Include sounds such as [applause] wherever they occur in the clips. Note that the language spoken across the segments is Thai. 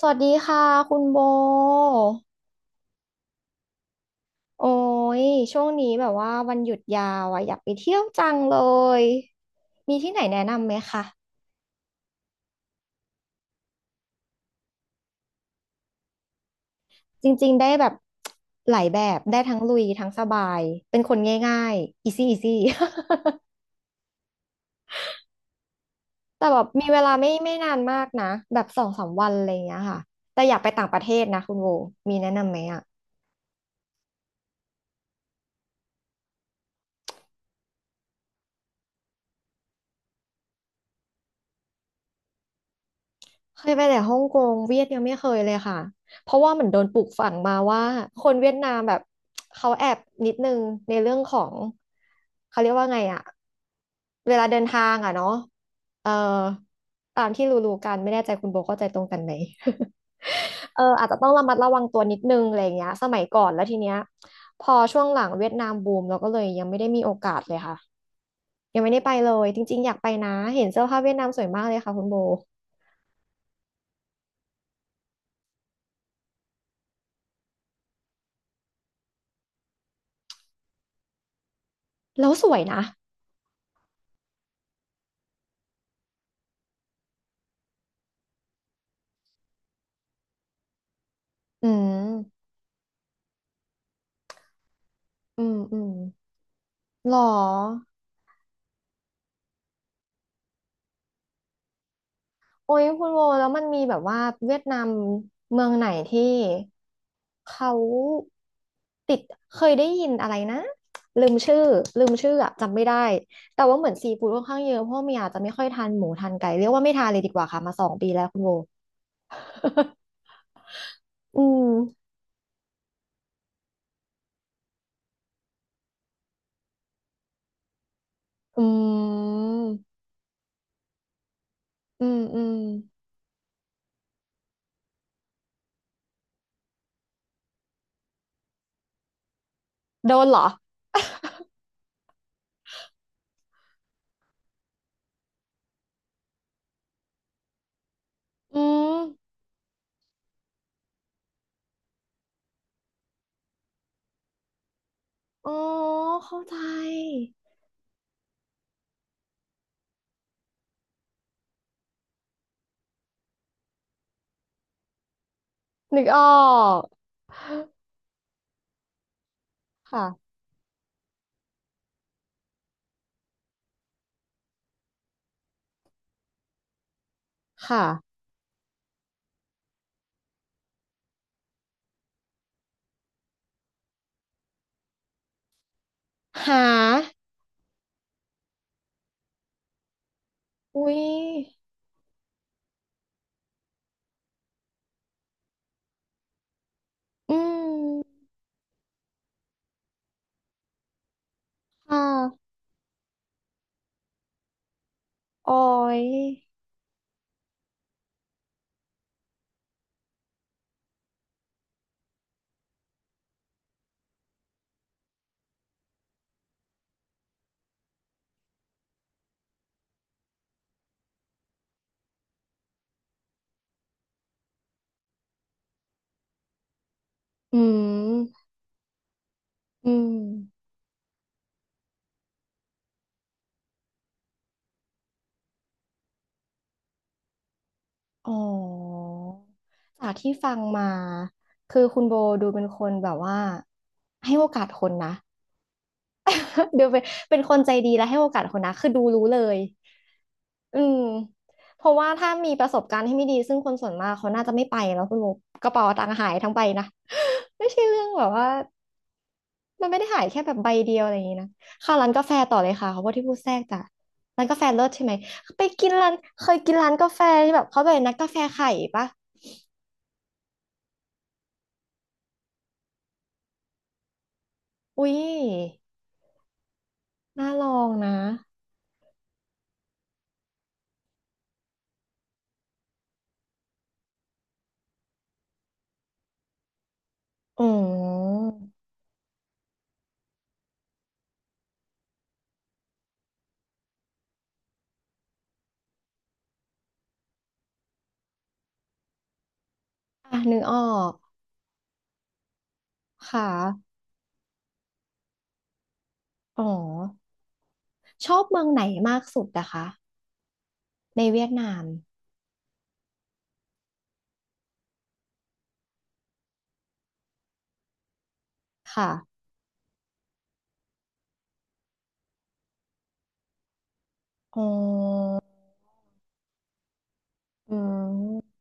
สวัสดีค่ะคุณโบโอ้ย ช่วงนี้แบบว่าวันหยุดยาวอ่ะอยากไปเที่ยวจังเลย มีที่ไหนแนะนำไหมคะ จริงๆได้แบบหลายแบบได้ทั้งลุยทั้งสบาย เป็นคนง่ายๆ easy easy [laughs] แต่แบบมีเวลาไม่นานมากนะแบบสองสามวันอะไรอย่างเงี้ยค่ะ แต่อยากไปต่างประเทศนะคุณโบมีแนะนำไหมอ่ะ เคยไปแต่ฮ่องกงเวียดยังไม่เคยเลยค่ะเพราะว่าเหมือนโดนปลูกฝังมาว่าคนเวียดนามแบบเขาแอบนิดนึงในเรื่องของเขาเรียกว่าไงอะเวลาเดินทางอะเนาะเออตามที่รู้ๆกันไม่แน่ใจคุณโบเข้าใจตรงกันไหม [laughs] เอออาจจะต้องระมัดระวังตัวนิดนึงอะไรอย่างเงี้ยสมัยก่อนแล้วทีเนี้ยพอช่วงหลังเวียดนามบูมเราก็เลยยังไม่ได้มีโอกาสเลยค่ะยังไม่ได้ไปเลยจริงๆอยากไปนะเห็นเสื้อผ้าเวียดนามสวยมากเลยค่ะคุณโบ แล้วสวยนะอืมอืมอืมหรอโอ้ยคุณโวแล้วมันมีแบบว่าเวียดนามเมืองไหนที่เขาติดเคยได้ยินอะไรนะลืมชื่อลืมชื่ออะจำไม่ได้แต่ว่าเหมือนซีฟู้ดค่อนข้างเยอะเพราะว่าเมียอาจจะไม่ค่อยทานหมูทานไก่เรียกว่าไม่ทานเลยดีกว่าค่ะมาสองปีแล้วคุณโว [laughs] อืมอืมอืมอืมโดนเหรออืมอ๋อเข้าใจ นึกออกค่ะ [laughs] ค่ะหาอุ้ยอืมค่ะออยอืมอืมอ๋อจากที่ฟังมาคือคุณโบดูเป็นคนแบบว่าให้โอกาสคนนะ [laughs] ดูเป็นเป็นคนใจดีและให้โอกาสคนนะคือดูรู้เลยอืมเพราะว่าถ้ามีประสบการณ์ที่ไม่ดีซึ่งคนส่วนมากเขาน่าจะไม่ไปแล้วคุณโบกระเป๋าตังค์หายทั้งใบนะ [laughs] ไม่ใช่เรื่องแบบว่า มันไม่ได้หายแค่แบบใบเดียวอะไรอย่างนี้นะเข้าร้านกาแฟต่อเลยค่ะเขาพูดที่พูดแทรกจ้ะร้านกาแฟเลิศใช่ไหมไปกินร้านเคยกินร้านกาแฟที่แบบเขาเป็นนักกาแฟไข่ปะอุ้ยน่าลองนะอืมอ่ะนึกออกค่ะอ๋อชอบเมืองไหนมากสุดนะคะในเวียดนามค่ะอ๋ออืม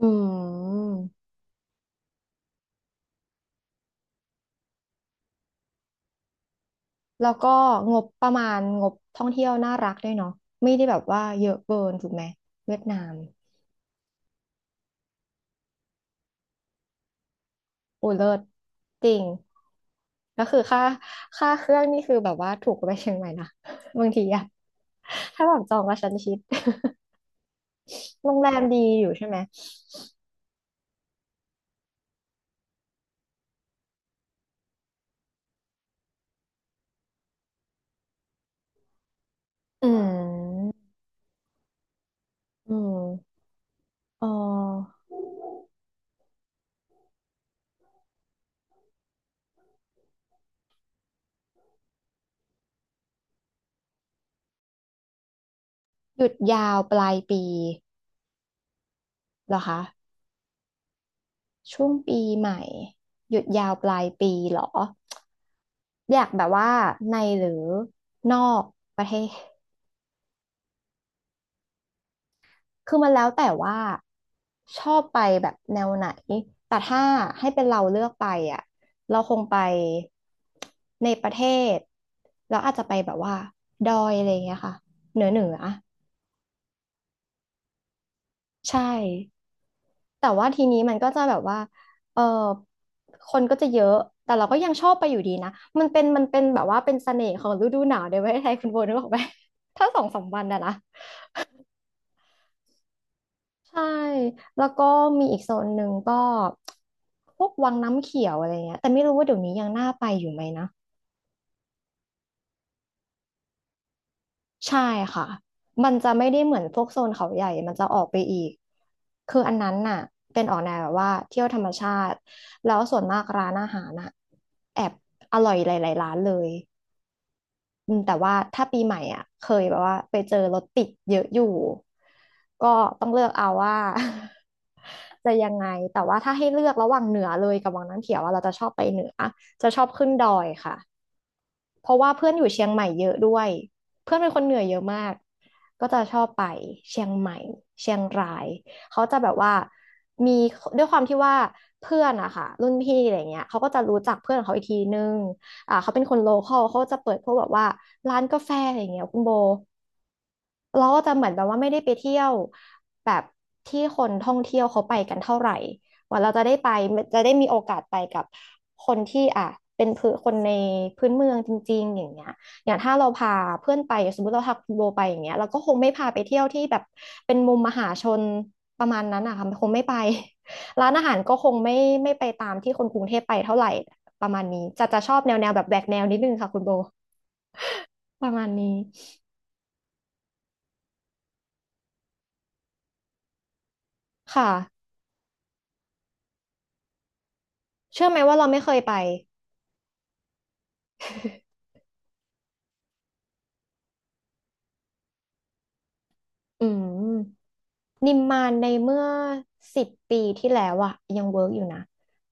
อืมแล้วก็งบประมาณงบท่องเที่ยวน่ารักด้วยเนาะไม่ได้แบบว่าเยอะเกินถูกไหมเวียดนาม โอุ้เลิศจริงก็คือค่าค่าเครื่องนี่คือแบบว่าถูกกว่าไปเชียงใหม่นะ [laughs] บางทีอะถ้าแบบจองกับชั้นชิด [laughs] โรงแรมดีอยู่ใช่ไหมอืมอืมอออหยุดยาวปลายปีเหรอคะช่วงปีใหม่หยุดยาวปลายปีเหรออยากแบบว่าในหรือนอกประเทศ คือมันแล้วแต่ว่าชอบไปแบบแนวไหน แต่ถ้าให้เป็นเราเลือกไปอ่ะ เราคงไปในประเทศแล้วอาจจะไปแบบว่าดอยอะไรอย่างเงี้ยค่ะเหนือเหนือใช่แต่ว่าทีนี้มันก็จะแบบว่าเออคนก็จะเยอะ แต่เราก็ยังชอบไปอยู่ดีนะมันเป็นแบบว่าเป็นเสน่ห์ของฤดูหนาวในประเทศไทยคุณโบนึกออกไหม [laughs] ถ้าสองสามวันนะนะ ใช่ แล้วก็มีอีกโซนหนึ่งก็พวกวังน้ำเขียวอะไรเงี้ย แต่ไม่รู้ว่าเดี๋ยวนี้ยังน่าไปอยู่ไหมนะ ใช่ค่ะ มันจะไม่ได้เหมือนพวกโซนเขาใหญ่ มันจะออกไปอีก คืออันนั้นน่ะเป็นออกแนวแบบว่าเที่ยวธรรมชาติแล้วส่วนมากร้านอาหารน่ะแอบอร่อยหลายๆร้านเลย อืมแต่ว่าถ้าปีใหม่อ่ะเคยแบบว่าไปเจอรถติดเยอะอยู่ก็ต้องเลือกเอาว่า [laughs] จะยังไงแต่ว่าถ้าให้เลือกระหว่างเหนือเลยกับวังน้ำเขียวว่าเราจะชอบไปเหนือจะชอบขึ้นดอยค่ะ เพราะว่าเพื่อนอยู่เชียงใหม่เยอะด้วย เพื่อนเป็นคนเหนือเยอะมาก ก็จะชอบไปเชียงใหม่เชียงราย เขาจะแบบว่ามีด้วยความที่ว่าเพื่อนอะค่ะรุ่นพี่อะไรเงี้ยเขาก็จะรู้จักเพื่อนของเขาอีกทีนึงอ่าเขาเป็นคนโลคอลเขาก็จะเปิดพวกแบบว่าร้านกาแฟอะไรเงี้ยคุณโบ เราก็จะเหมือนแบบว่าไม่ได้ไปเที่ยวแบบที่คนท่องเที่ยวเขาไปกันเท่าไหร่ ว่าเราจะได้ไปจะได้มีโอกาสไปกับคนที่อ่ะเป็นพื้นคนในพื้นเมืองจริงๆอย่างเงี้ยอย่างถ้าเราพาเพื่อนไปสมมติเราพาคุณโบไปอย่างเงี้ยเราก็คงไม่พาไปเที่ยวที่แบบเป็นมุมมหาชนประมาณนั้นอะค่ะคงไม่ไป [laughs] ร้านอาหารก็คงไม่ไปตามที่คนกรุงเทพไปเท่าไหร่ประมาณนี้จะชอบแนวแบบแหวกแนวนิดนึงค่ะคุณโบประมาณนี้ค่ะเชื่อไหมว่าเราไม่เคยไป อืมนิมมานในเมื่อสิบปีที่แล้วอะยังเวิร์กอยู่นะ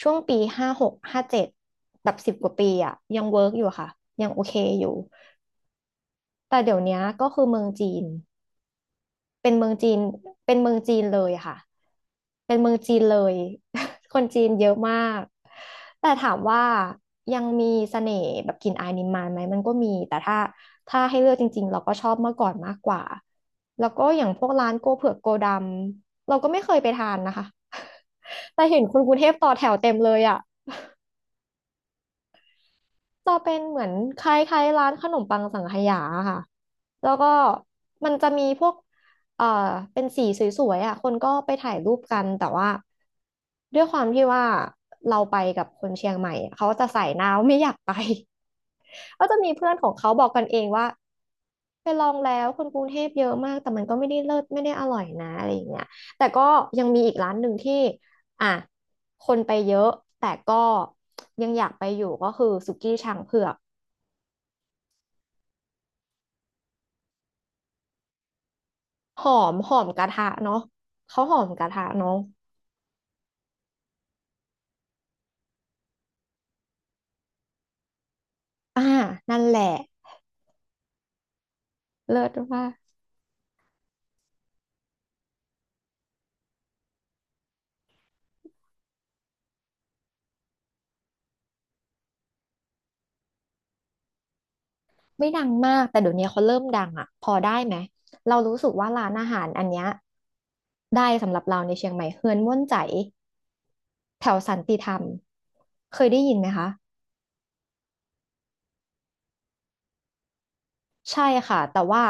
ช่วงปีห้าหกห้าเจ็ดแบบสิบกว่าปีอะยังเวิร์กอยู่ค่ะยังโอเคอยู่แต่เดี๋ยวเนี้ยก็คือเมืองจีน เป็นเมืองจีนเป็นเมืองจีนเลยค่ะเป็นเมืองจีนเลย [laughs] คนจีนเยอะมากแต่ถามว่ายังมีเสน่ห์แบบกลิ่นอายนิมมานไหมมันก็มีแต่ถ้าให้เลือกจริงๆเราก็ชอบเมื่อก่อนมากกว่าแล้วก็อย่างพวกร้านโกเผือกโกดำเราก็ไม่เคยไปทานนะคะ [laughs] แต่เห็นคนกรุงเทพต่อแถวเต็มเลยอ่ะ จะเป็นเหมือนคล้ายๆร้านขนมปังสังขยาค่ะแล้วก็มันจะมีพวกเอ่อเป็นสีสวยๆอ่ะคนก็ไปถ่ายรูปกันแต่ว่าด้วยความที่ว่าเราไปกับคนเชียงใหม่อะเขาจะใส่หนาวไม่อยากไป [laughs] ก็จะมีเพื่อนของเขาบอกกันเองว่าไปลองแล้วคนกรุงเทพเยอะมากแต่มันก็ไม่ได้เลิศไม่ได้อร่อยนะอะไรอย่างเงี้ยแต่ก็ยังมีอีกร้านหนึ่งที่อ่ะคนไปเยอะแต่ก็ยังอยากไปอยู่ก็คือสุกี้ช้างเผือก หอมกระทะเนาะเขาหอมกระทะเนาะอ่านั่นแหละเลิศว่าไม่ดังมากแต่เดี๋ยวนี้เขาเริ่มดังอ่ะพอได้ไหมเรารู้สึกว่าร้านอาหารอันเนี้ยได้สำหรับเราในเชียงใหม่เฮือนม่วนใจแถวสันติธรรมเคยได้ยินไหมคะ ใช่ค่ะแต่ว่า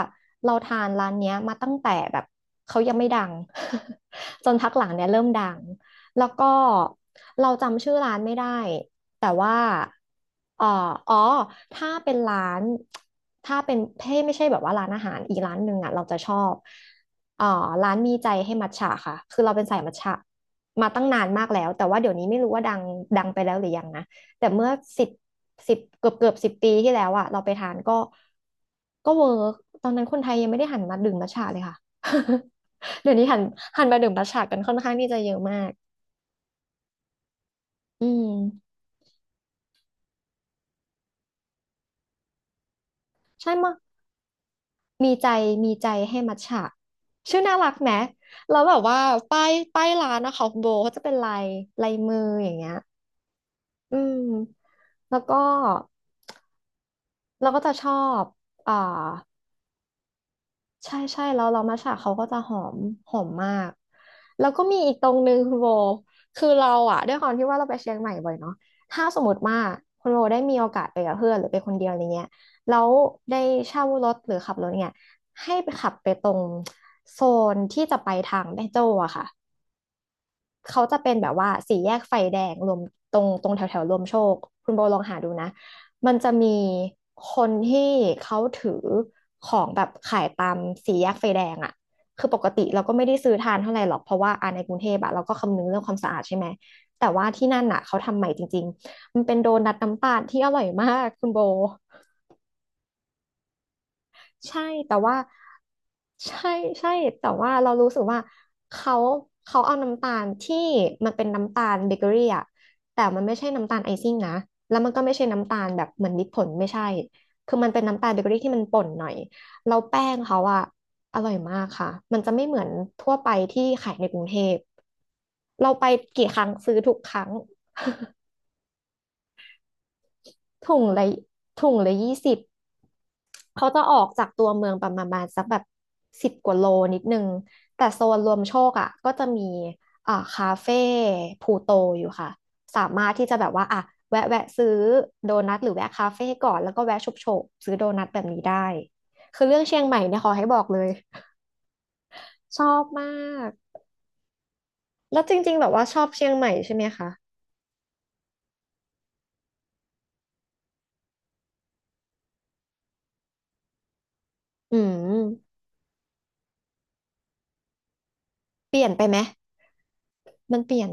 เราทานร้านเนี้ยมาตั้งแต่แบบเขายังไม่ดัง [laughs] จนพักหลังเนี่ยเริ่มดังแล้วก็เราจำชื่อร้านไม่ได้แต่ว่าเอ่ออ๋อถ้าเป็นร้านถ้าเป็นเพ่ไม่ใช่แบบว่าร้านอาหารอีกร้านหนึ่งอ่ะเราจะชอบเอ่อร้านมีใจให้มัทฉะค่ะคือเราเป็นสายมัทฉะมาตั้งนานมากแล้วแต่ว่าเดี๋ยวนี้ไม่รู้ว่าดังไปแล้วหรือยังนะ แต่เมื่อสิบสิบเกือบสิบปีที่แล้วอะเราไปทานก็เวิร์กตอนนั้นคนไทยยังไม่ได้หันมาดื่มมัทฉะเลยค่ะ [laughs] เดี๋ยวนี้หันมาดื่มมัทฉะกันค่อนข้างที่จะเยอะมากอืมใช่มะมีใจมีใจให้มัทฉะชื่อน่ารักไหมแล้วแบบว่าป้ายร้านนะคะคุโบเขาจะเป็นลายมืออย่างเงี้ยอืมแล้วก็เราก็จะชอบอ่า ใช่ใช่แล้วเรามัทฉะเขาก็จะหอมมากแล้วก็มีอีกตรงนึงคุณโบคือเราอะด้วยความที่ว่าเราไปเชียงใหม่บ่อยเนาะถ้าสมมติว่าคุณโบได้มีโอกาสไปกับเพื่อนหรือไปคนเดียวอะไรเงี้ยแล้วได้เช่ารถหรือขับรถเนี่ยให้ไปขับไปตรงโซนที่จะไปทางแม่โจ้อะค่ะ เขาจะเป็นแบบว่าสี่แยกไฟแดงรวมตรงแถวแถวรวมโชคคุณโบลองหาดูนะมันจะมีคนที่เขาถือของแบบขายตามสี่แยกไฟแดงอ่ะคือปกติเราก็ไม่ได้ซื้อทานเท่าไหร่หรอกเพราะว่าอ่าในกรุงเทพอะเราก็คำนึงเรื่องความสะอาดใช่ไหมแต่ว่าที่นั่นอ่ะเขาทำใหม่จริงๆมันเป็นโดนัทน้ำตาลที่อร่อยมากคุณโบ ใช่แต่ว่าใช่ใช่แต่ว่าเรารู้สึกว่าเขาเขาเอาน้ำตาลที่มันเป็นน้ำตาลเบเกอรี่อะแต่มันไม่ใช่น้ำตาลไอซิ่งนะแล้วมันก็ไม่ใช่น้ำตาลแบบเหมือนมิตรผลไม่ใช่คือมันเป็นน้ำตาลเบเกอรี่ที่มันป่นหน่อยแล้วแป้งเขาอะอร่อยมากค่ะมันจะไม่เหมือนทั่วไปที่ขายในกรุงเทพเราไปกี่ครั้งซื้อทุกครั้งถุงละถุงละ20 เขาจะออกจากตัวเมืองประมาณสักแบบสิบกว่าโลนิดนึงแต่โซนรวมโชคอ่ะก็จะมีอ่าคาเฟ่พลูโตอยู่ค่ะสามารถที่จะแบบว่าอ่ะแวะซื้อโดนัทหรือแวะคาเฟ่ก่อนแล้วก็แวะชุบโฉบซื้อโดนัทแบบนี้ได้คือเรื่องเชียงใหม่เนี่ยขอให้บอกเลยชอบมากแล้วจริงๆแบบว่าชอบเชียงใหม่ใช่ไหมคะอืมเปลี่ยนไปไหมมันเปลี่ยน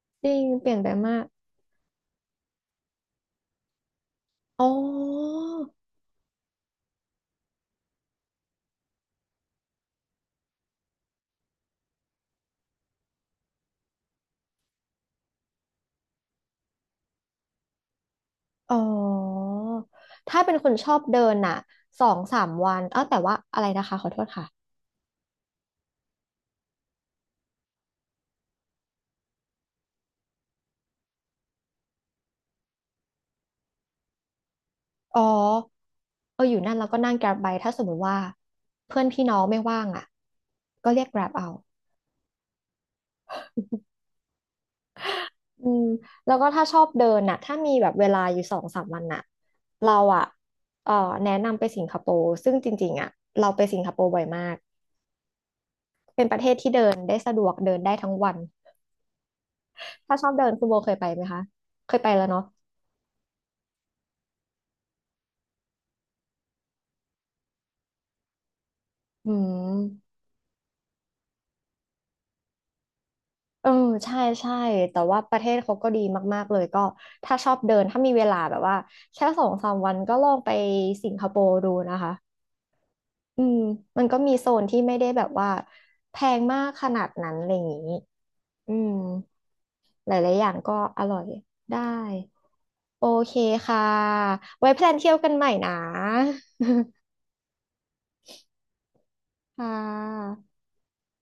[laughs] จริงเปลี่ยนไปมากอ๋อ อ๋อถ้าเป็นคนชอบเดินน่ะสองสามวันเอ้าแต่ว่าอะไรนะคะขอโทษค่ะอ๋อเอออยู่นั่นแล้วก็นั่ง Grab ไปถ้าสมมติว่าเพื่อนพี่น้องไม่ว่างอ่ะก็เรียก Grab เอาอืมแล้วก็ถ้าชอบเดินน่ะถ้ามีแบบเวลาอยู่สองสามวันน่ะเราอ่ะเออแนะนำไปสิงคโปร์ซึ่งจริงๆอ่ะเราไปสิงคโปร์บ่อยมากเป็นประเทศที่เดินได้สะดวกเดินได้ทั้งวันถ้าชอบเดินคุณโบเคยไปไหมคะเคยไปแล้วเนาะอืม เออใช่ใช่แต่ว่าประเทศเขาก็ดีมากๆเลยก็ถ้าชอบเดินถ้ามีเวลาแบบว่าแค่สองสามวันก็ลองไปสิงคโปร์ดูนะคะอืมมันก็มีโซนที่ไม่ได้แบบว่าแพงมากขนาดนั้นอะไรอย่างนี้อืมหลายๆอย่างก็อร่อยได้โอเคค่ะไว้แพลนเที่ยวกันใหม่นะค่ะ